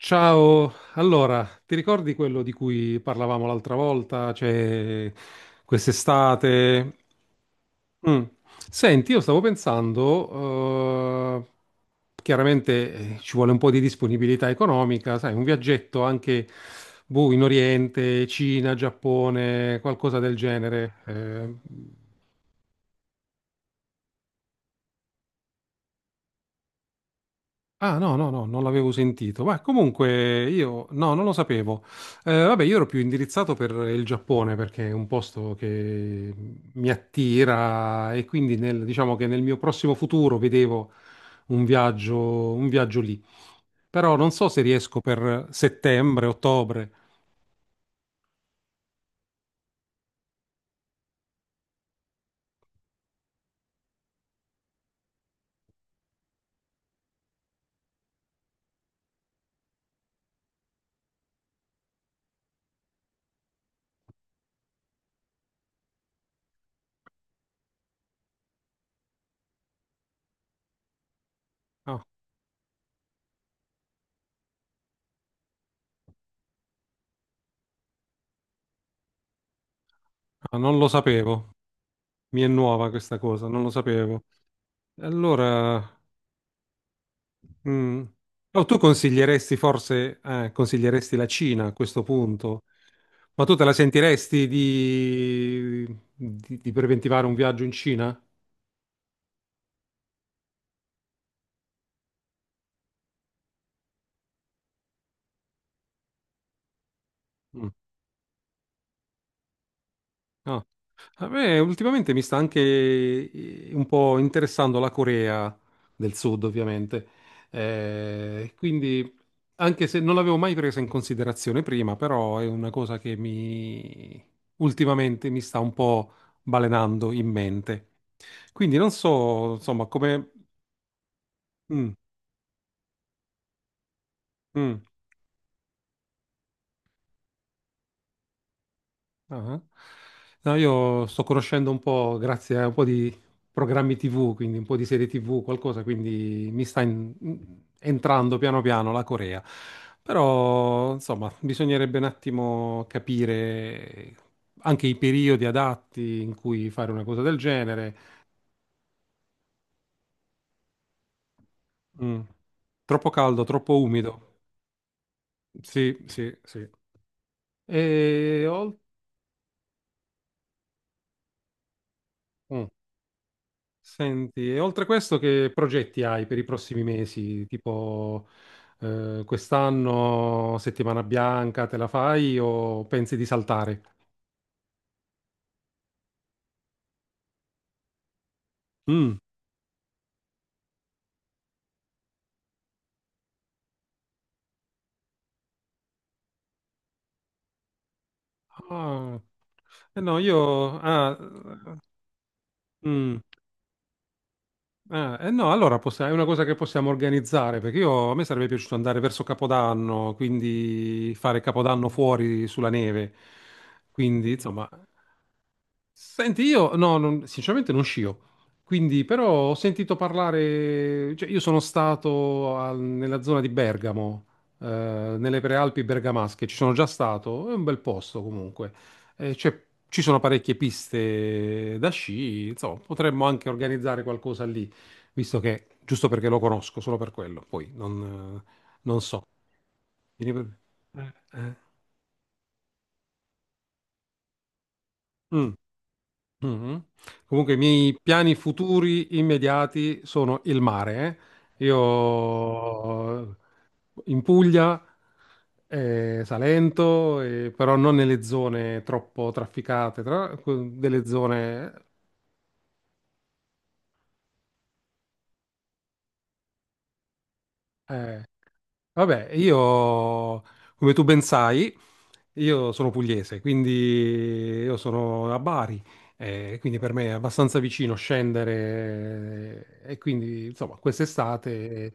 Ciao, allora, ti ricordi quello di cui parlavamo l'altra volta? Cioè, quest'estate? Mm. Senti, io stavo pensando, eh, chiaramente ci vuole un po' di disponibilità economica, sai, un viaggetto anche boh, in Oriente, Cina, Giappone, qualcosa del genere. Ah, no, no, no, non l'avevo sentito. Ma comunque io, no, non lo sapevo. Vabbè, io ero più indirizzato per il Giappone perché è un posto che mi attira e quindi diciamo che nel mio prossimo futuro vedevo un viaggio lì. Però non so se riesco per settembre, ottobre. Ah, ah, non lo sapevo. Mi è nuova questa cosa, non lo sapevo. Allora, mm. Oh, tu consiglieresti forse, consiglieresti la Cina a questo punto? Ma tu te la sentiresti di, di preventivare un viaggio in Cina? Mm. No. A me ultimamente mi sta anche un po' interessando la Corea del Sud, ovviamente. Quindi, anche se non l'avevo mai presa in considerazione prima, però è una cosa che mi ultimamente mi sta un po' balenando in mente. Quindi non so, insomma, come... Mm, mm. Ah. No, io sto conoscendo un po', grazie a un po' di programmi TV, quindi un po' di serie TV, qualcosa, quindi entrando piano piano la Corea. Però, insomma, bisognerebbe un attimo capire anche i periodi adatti in cui fare una cosa del genere. Mm. Troppo caldo, troppo umido. Sì, sì, sì. E oltre... Senti, e oltre a questo, che progetti hai per i prossimi mesi? Tipo, quest'anno settimana bianca te la fai o pensi di saltare? Mm. Ah. Eh no, io... Ah, mm. Ah, eh no, allora è una cosa che possiamo organizzare, perché io, a me sarebbe piaciuto andare verso Capodanno, quindi fare Capodanno fuori sulla neve. Quindi, insomma... Senti, io no, sinceramente non scio, quindi però ho sentito parlare, cioè io sono stato nella zona di Bergamo, nelle prealpi bergamasche, ci sono già stato, è un bel posto comunque. Ci sono parecchie piste da sci, insomma potremmo anche organizzare qualcosa lì, visto che, giusto perché lo conosco, solo per quello, poi non, non so. Vieni per- eh, eh. Mm. Mhm. Comunque, i miei piani futuri immediati sono il mare. Eh. Io in Puglia, Salento, però non nelle zone troppo trafficate, delle zone... Eh. Vabbè, io, come tu ben sai, io sono pugliese, quindi io sono a Bari, quindi per me è abbastanza vicino scendere, e quindi, insomma, quest'estate.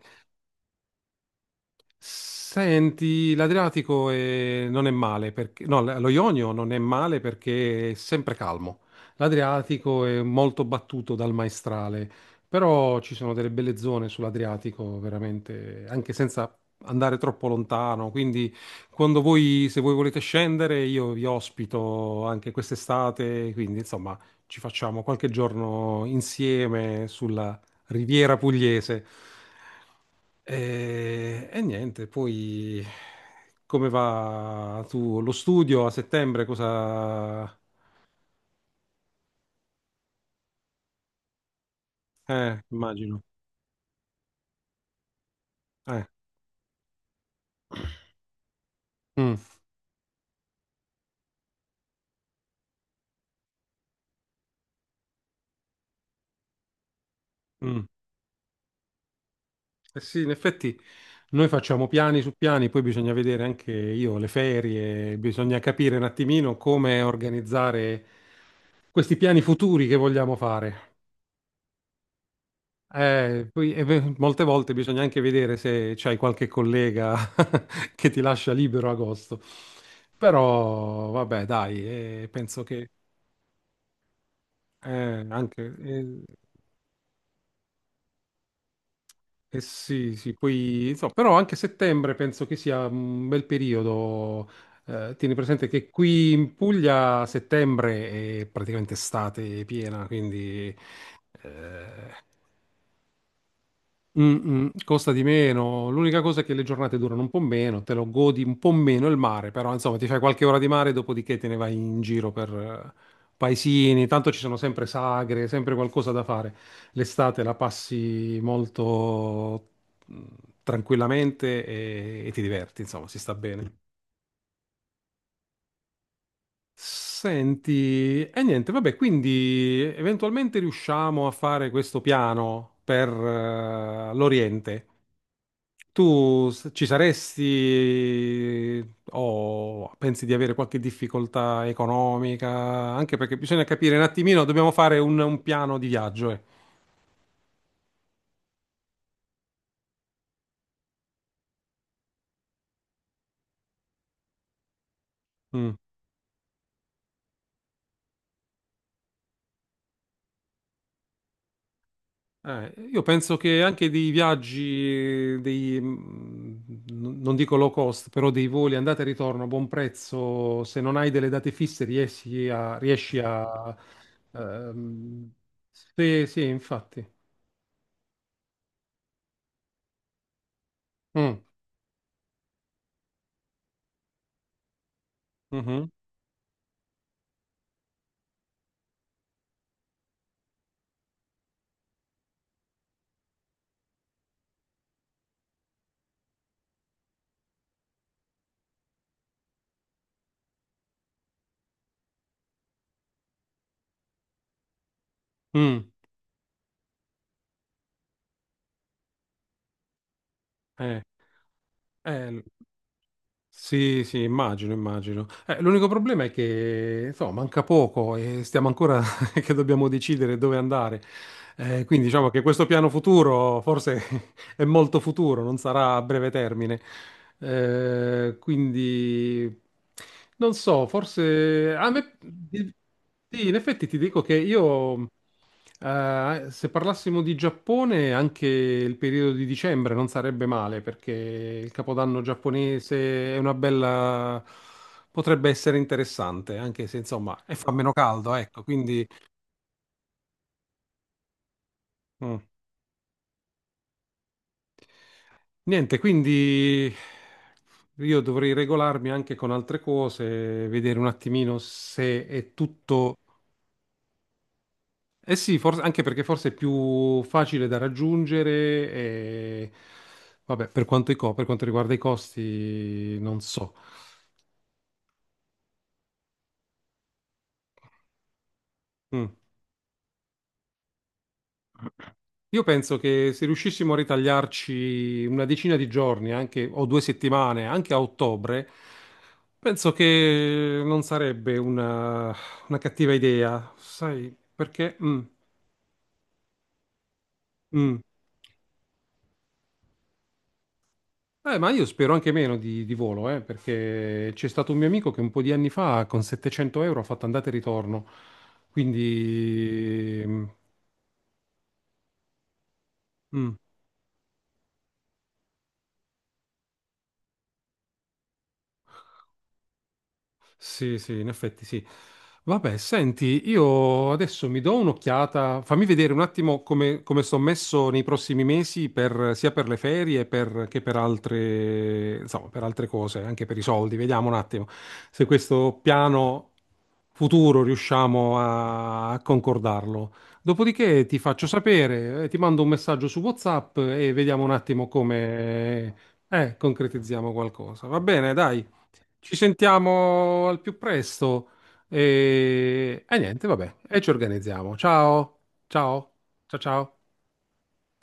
Senti, l'Adriatico non è male perché, no, lo Ionio non è male perché è sempre calmo. L'Adriatico è molto battuto dal maestrale, però ci sono delle belle zone sull'Adriatico, veramente, anche senza andare troppo lontano. Quindi, quando voi, se voi volete scendere, io vi ospito anche quest'estate. Quindi, insomma, ci facciamo qualche giorno insieme sulla Riviera Pugliese. E niente, poi come va tu lo studio a settembre? Cosa... immagino. Eh, mm, mm. Eh sì, in effetti noi facciamo piani su piani, poi bisogna vedere anche io le ferie, bisogna capire un attimino come organizzare questi piani futuri che vogliamo fare. Poi, e beh, molte volte bisogna anche vedere se c'hai qualche collega che ti lascia libero agosto. Però, vabbè, dai, penso che anche... eh sì, sì, poi, insomma, però anche settembre penso che sia un bel periodo. Tieni presente che qui in Puglia settembre è praticamente estate piena, quindi... eh, mm, mm, costa di meno. L'unica cosa è che le giornate durano un po' meno, te lo godi un po' meno il mare, però insomma ti fai qualche ora di mare, dopodiché te ne vai in giro per paesini. Tanto ci sono sempre sagre, sempre qualcosa da fare. L'estate la passi molto mm, tranquillamente e ti diverti, insomma, si sta bene. Senti, e niente, vabbè, quindi eventualmente riusciamo a fare questo piano per l'Oriente. Ci saresti o pensi di avere qualche difficoltà economica? Anche perché bisogna capire un attimino, dobbiamo fare un piano di viaggio. Eh. Mm. Io penso che anche dei viaggi, dei, mm, non dico low cost, però dei voli andata e ritorno a buon prezzo, se non hai delle date fisse riesci a... Riesci a ehm, sì, sì, infatti. Mm. Mhm. Mm. Eh. Eh, sì, sì, immagino, immagino. L'unico problema è che, insomma, manca poco e stiamo ancora che dobbiamo decidere dove andare. Quindi diciamo che questo piano futuro forse è molto futuro, non sarà a breve termine. Quindi non so, forse a me sì, in effetti ti dico che io, se parlassimo di Giappone, anche il periodo di dicembre non sarebbe male perché il capodanno giapponese è una bella, potrebbe essere interessante, anche se insomma, e fa meno caldo, ecco, quindi mm. Niente, quindi io dovrei regolarmi anche con altre cose, vedere un attimino se è tutto... Eh sì, forse, anche perché forse è più facile da raggiungere e... Vabbè, per quanto, per quanto riguarda i costi, non so. Mm. Io penso che se riuscissimo a ritagliarci una decina di giorni, anche, o due settimane, anche a ottobre, penso che non sarebbe una cattiva idea, sai, perché... mm, mm. Ma io spero anche meno di volo, perché c'è stato un mio amico che un po' di anni fa con 700 euro ha fatto andata e ritorno, quindi... mm, mm. Sì, sì, in effetti sì. Vabbè, senti, io adesso mi do un'occhiata, fammi vedere un attimo come, come sto messo nei prossimi mesi sia per le ferie che per altre, insomma, per altre cose, anche per i soldi. Vediamo un attimo se questo piano futuro riusciamo a, a concordarlo. Dopodiché ti faccio sapere, ti mando un messaggio su WhatsApp e vediamo un attimo come, concretizziamo qualcosa. Va bene, dai. Ci sentiamo al più presto e niente, vabbè, e ci organizziamo. Ciao, ciao, ciao, ciao.